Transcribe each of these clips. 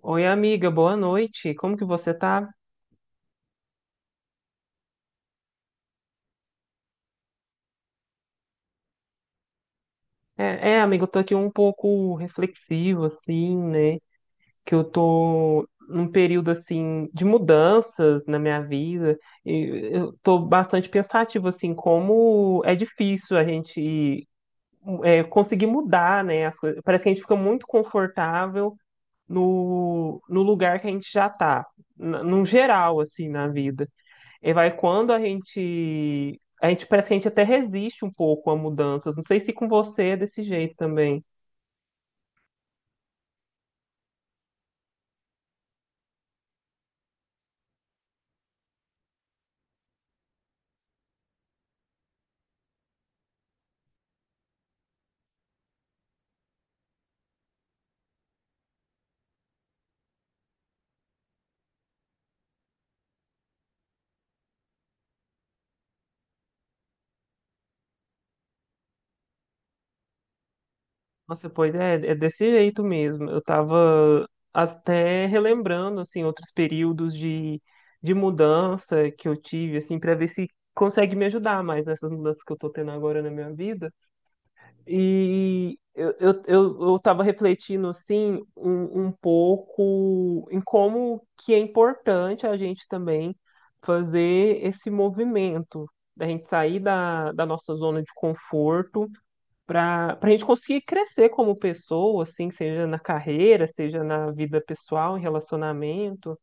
Oi, amiga, boa noite. Como que você tá? Amiga, eu tô aqui um pouco reflexivo, assim, né? Que eu tô num período, assim, de mudanças na minha vida. E eu tô bastante pensativo, assim, como é difícil a gente conseguir mudar, né? As coisas. Parece que a gente fica muito confortável no lugar que a gente já tá, num geral, assim, na vida. E vai quando a gente. A gente parece que a gente até resiste um pouco a mudanças. Não sei se com você é desse jeito também. Nossa, pois é, é desse jeito mesmo. Eu tava até relembrando, assim, outros períodos de mudança que eu tive, assim, para ver se consegue me ajudar mais nessas mudanças que eu tô tendo agora na minha vida. E eu tava refletindo, assim, um pouco em como que é importante a gente também fazer esse movimento, da gente sair da nossa zona de conforto para a gente conseguir crescer como pessoa, assim, seja na carreira, seja na vida pessoal, em relacionamento.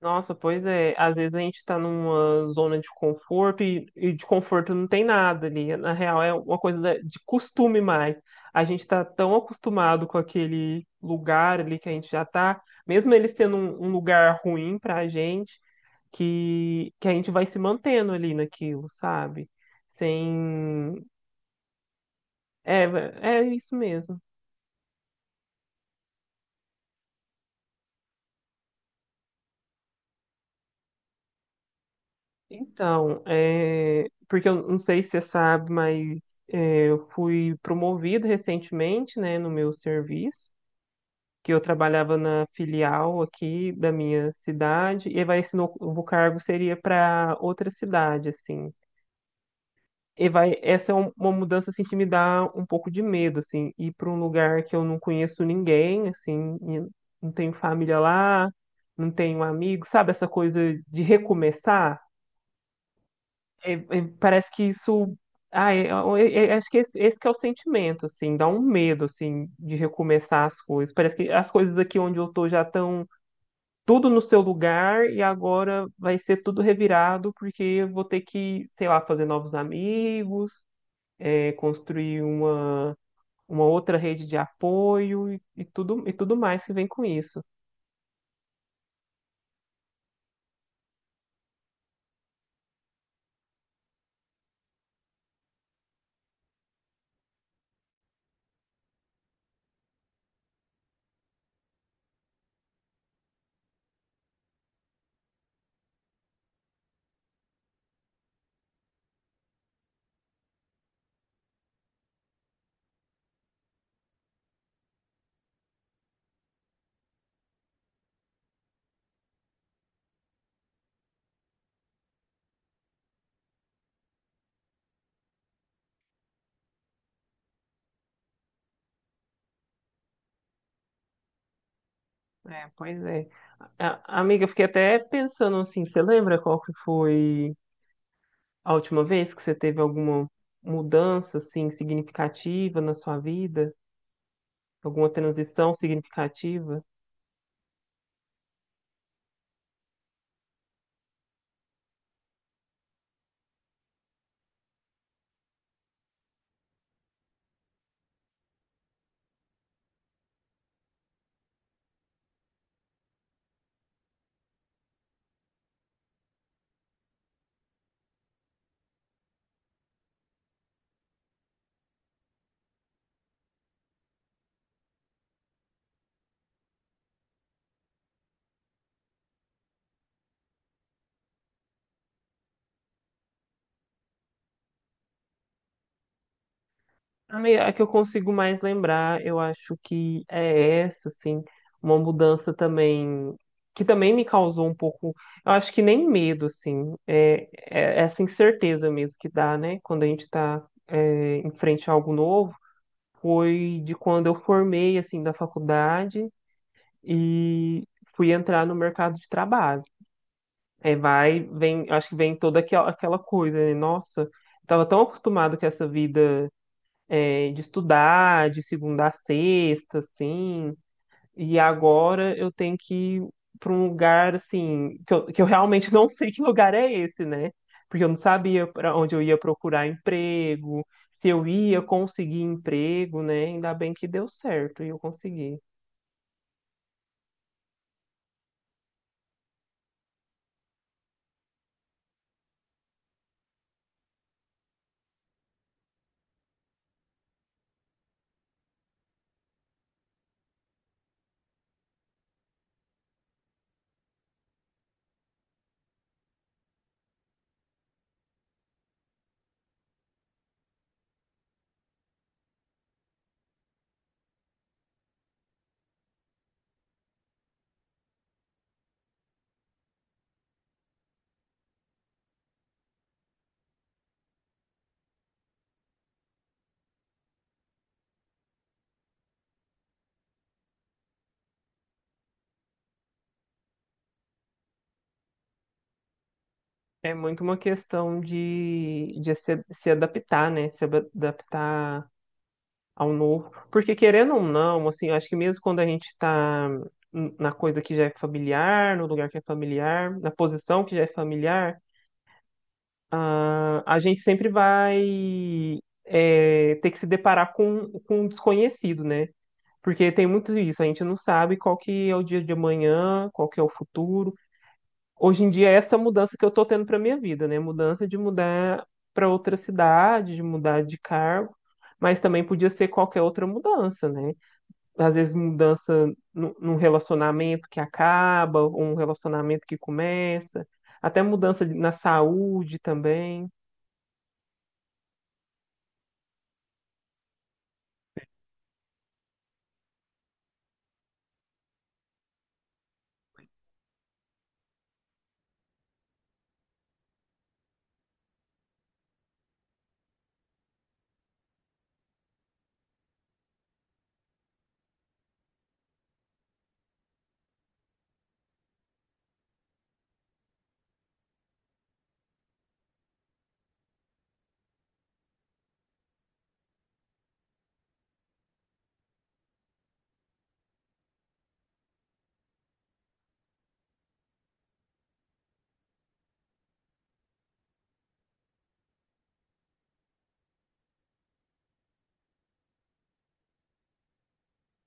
Nossa, pois é. Às vezes a gente está numa zona de conforto e de conforto não tem nada ali. Na real, é uma coisa de costume mais. A gente está tão acostumado com aquele lugar ali que a gente já está, mesmo ele sendo um lugar ruim para a gente, que a gente vai se mantendo ali naquilo, sabe? Sem. É, é isso mesmo. Então, porque eu não sei se você sabe, mas eu fui promovida recentemente, né, no meu serviço, que eu trabalhava na filial aqui da minha cidade, e vai esse novo cargo seria para outra cidade, assim. E vai, essa é uma mudança assim que me dá um pouco de medo, assim, ir para um lugar que eu não conheço ninguém, assim, e não tenho família lá, não tenho amigo, sabe essa coisa de recomeçar? É, é, parece que isso. Ah, é, acho que esse que é o sentimento, assim, dá um medo, assim, de recomeçar as coisas. Parece que as coisas aqui onde eu tô já estão tudo no seu lugar e agora vai ser tudo revirado porque eu vou ter que, sei lá, fazer novos amigos, construir uma outra rede de apoio e tudo mais que vem com isso. É, pois é. A- amiga, eu fiquei até pensando assim, você lembra qual que foi a última vez que você teve alguma mudança assim significativa na sua vida, alguma transição significativa? A que eu consigo mais lembrar, eu acho que é essa, assim, uma mudança também que também me causou um pouco, eu acho que nem medo, assim, é essa incerteza mesmo que dá, né? Quando a gente está em frente a algo novo, foi de quando eu formei assim da faculdade e fui entrar no mercado de trabalho. É, vai, vem, acho que vem toda aquela coisa, né? Nossa, estava tão acostumado com essa vida de estudar, de segunda a sexta, assim, e agora eu tenho que ir para um lugar, assim, que eu realmente não sei que lugar é esse, né? Porque eu não sabia para onde eu ia procurar emprego, se eu ia conseguir emprego, né? Ainda bem que deu certo e eu consegui. É muito uma questão de se adaptar, né? Se adaptar ao novo. Porque querendo ou não, assim, eu acho que mesmo quando a gente está na coisa que já é familiar, no lugar que é familiar, na posição que já é familiar, ah, a gente sempre vai ter que se deparar com um desconhecido, né? Porque tem muito disso, a gente não sabe qual que é o dia de amanhã, qual que é o futuro. Hoje em dia é essa mudança que eu tô tendo para minha vida, né? Mudança de mudar para outra cidade, de mudar de cargo, mas também podia ser qualquer outra mudança, né? Às vezes mudança num relacionamento que acaba, ou um relacionamento que começa, até mudança na saúde também.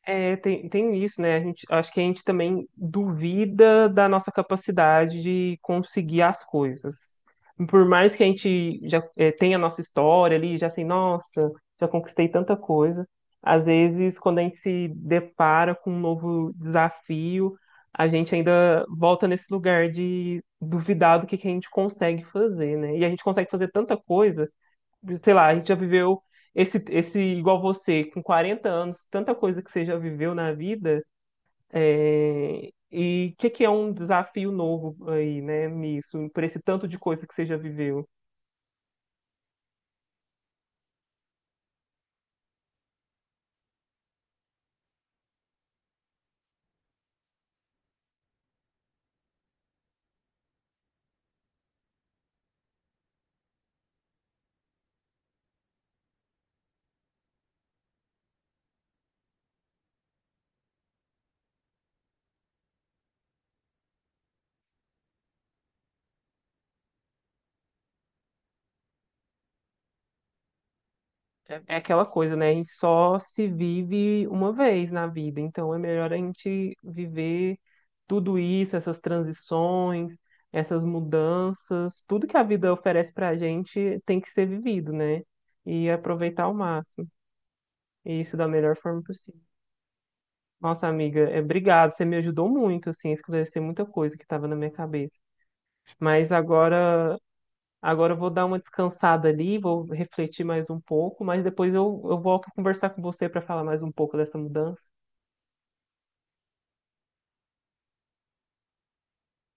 É, tem isso, né? A gente, acho que a gente também duvida da nossa capacidade de conseguir as coisas. Por mais que a gente já tenha a nossa história ali, já sei, nossa, já conquistei tanta coisa. Às vezes, quando a gente se depara com um novo desafio, a gente ainda volta nesse lugar de duvidar do que a gente consegue fazer, né? E a gente consegue fazer tanta coisa sei lá, a gente já viveu esse igual você, com 40 anos, tanta coisa que você já viveu na vida, e o que é um desafio novo aí, né, nisso, por esse tanto de coisa que você já viveu? É, é aquela coisa, né, a gente só se vive uma vez na vida, então é melhor a gente viver tudo isso, essas transições, essas mudanças, tudo que a vida oferece pra gente tem que ser vivido, né? E aproveitar ao máximo. Isso da melhor forma possível. Nossa, amiga, obrigado. Você me ajudou muito, assim, a esclarecer muita coisa que estava na minha cabeça. Mas agora, agora eu vou dar uma descansada ali, vou refletir mais um pouco, mas depois eu volto a conversar com você para falar mais um pouco dessa mudança.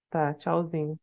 Tá, tchauzinho.